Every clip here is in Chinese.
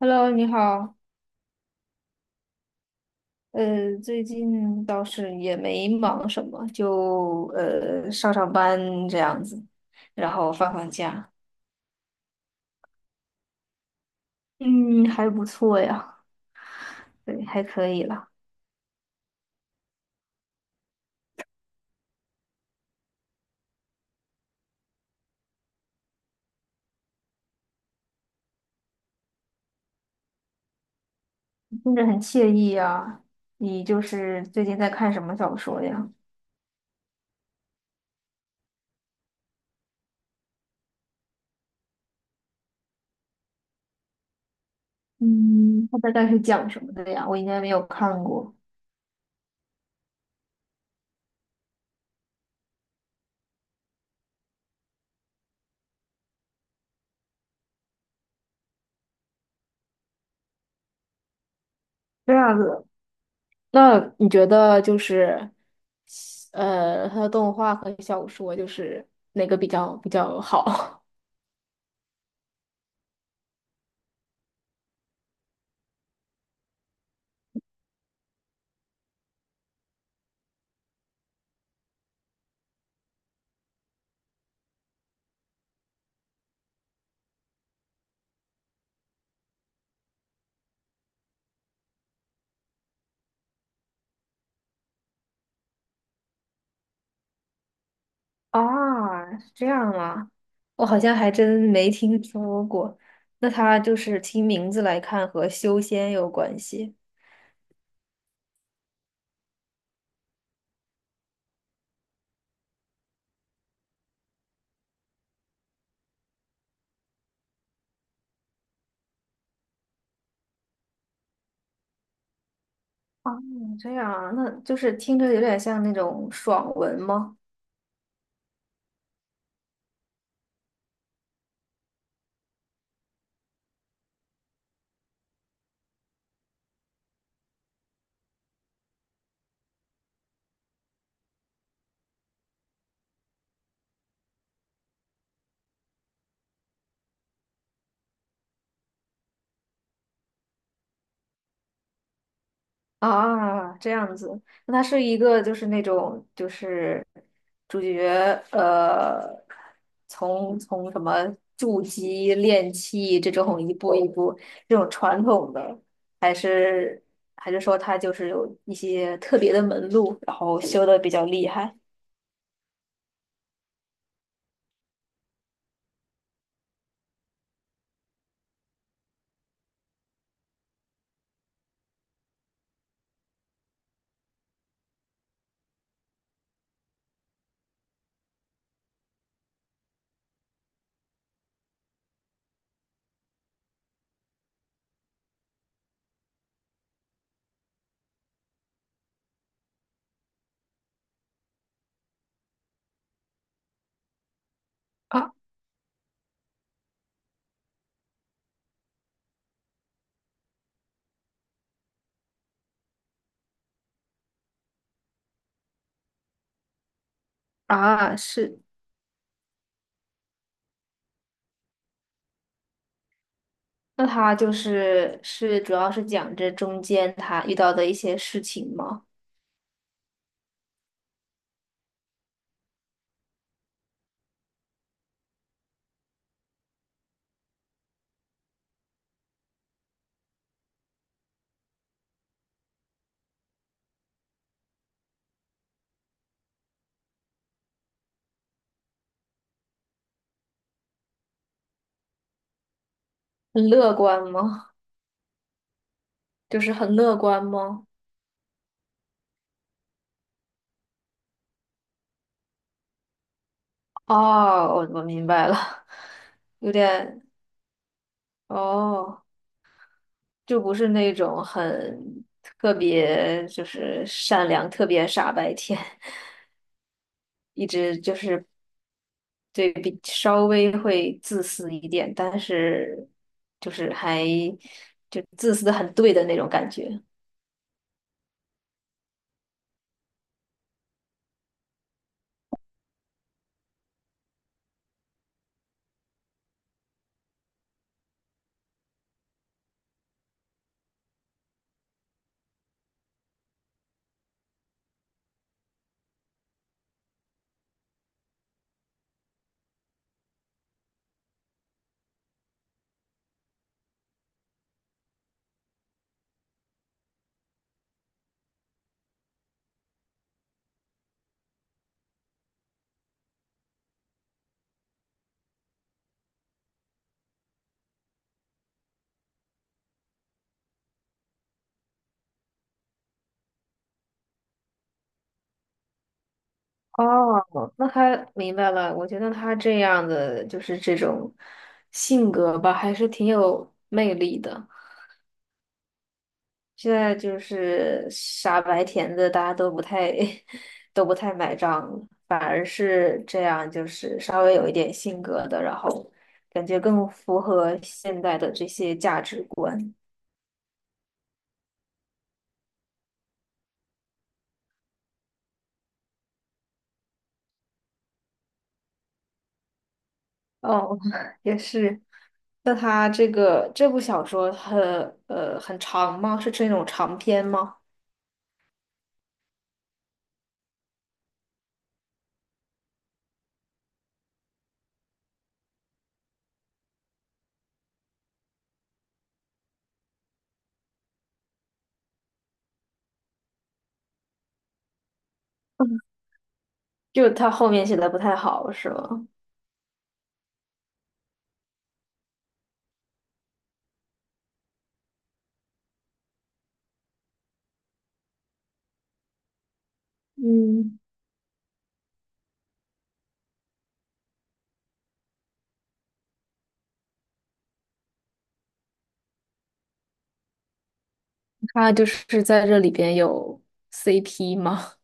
Hello，你好。最近倒是也没忙什么，就上班这样子，然后放假。嗯，还不错呀，对，还可以啦。听着很惬意呀。你就是最近在看什么小说呀？嗯，它大概是讲什么的呀？我应该没有看过。这样子。那你觉得就是它的动画和小说就是哪个比较好？啊，是这样吗？我好像还真没听说过。那它就是听名字来看和修仙有关系。啊？这样啊，那就是听着有点像那种爽文吗？啊，这样子，那他是一个就是那种就是主角呃，从什么筑基练气，这种一步一步，这种传统的，还是，还是说他就是有一些特别的门路，然后修的比较厉害。啊，啊，是。那他就是是主要是讲这中间他遇到的一些事情吗？很乐观吗？就是很乐观吗？哦，我明白了。有点，哦，就不是那种很特别，就是善良、特别傻白甜，一直就是对比稍微会自私一点，但是就是还，就自私的很对的那种感觉。哦，那他明白了。我觉得他这样的就是这种性格吧，还是挺有魅力的。现在就是傻白甜的，大家都不太 都不太买账了，反而是这样，就是稍微有一点性格的，然后感觉更符合现在的这些价值观。哦，也是。那他这个这部小说很，很长吗？是这种长篇吗？嗯，就他后面写的不太好，是吗？嗯，他就是在这里边有 CP 吗？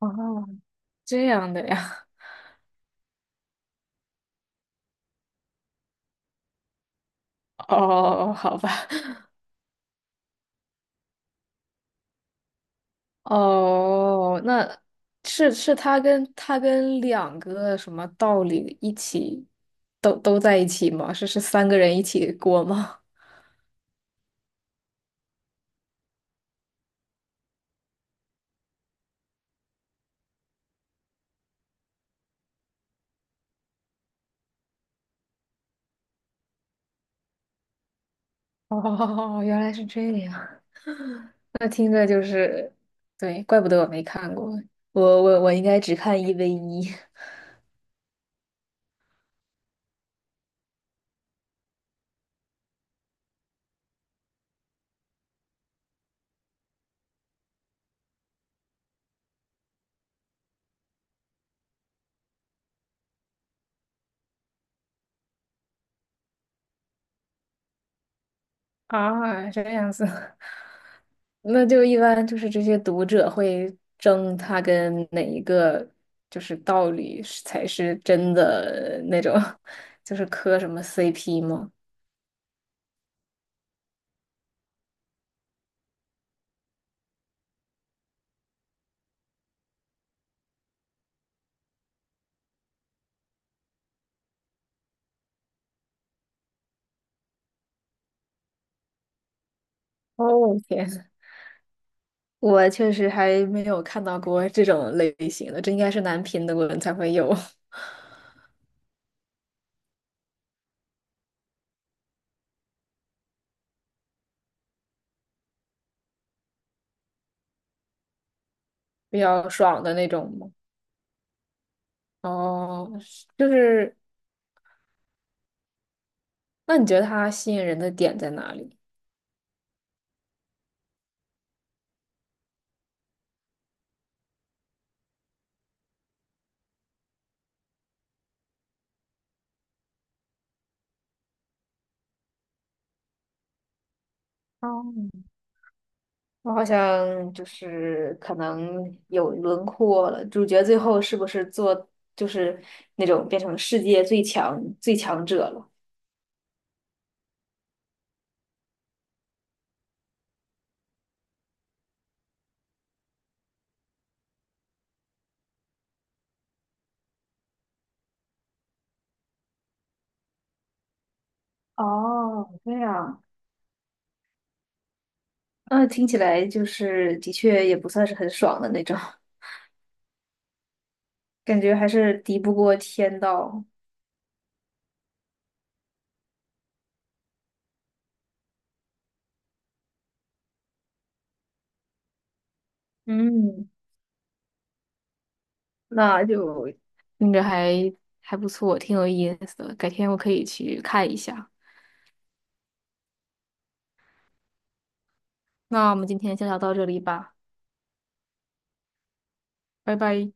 哦，这样的呀。哦，好吧。哦，那是是他跟两个什么道理一起，都在一起吗？是是三个人一起过吗？哦，原来是这样。那听着就是，对，怪不得我没看过，我应该只看一 v 一。 啊，这样子。那就一般就是这些读者会争他跟哪一个就是道理是才是真的那种，就是磕什么 CP 吗？哦，天，我确实还没有看到过这种类型的，这应该是男频的文才会有。 比较爽的那种吗？哦，是就是，那你觉得他吸引人的点在哪里？哦，我好像就是可能有轮廓了，主角最后是不是做，就是那种变成世界最强，最强者了？哦，这样，那听起来就是的确也不算是很爽的那种，感觉还是敌不过天道。嗯，那就听着还，还不错，挺有意思的，改天我可以去看一下。那我们今天先聊到这里吧，拜拜。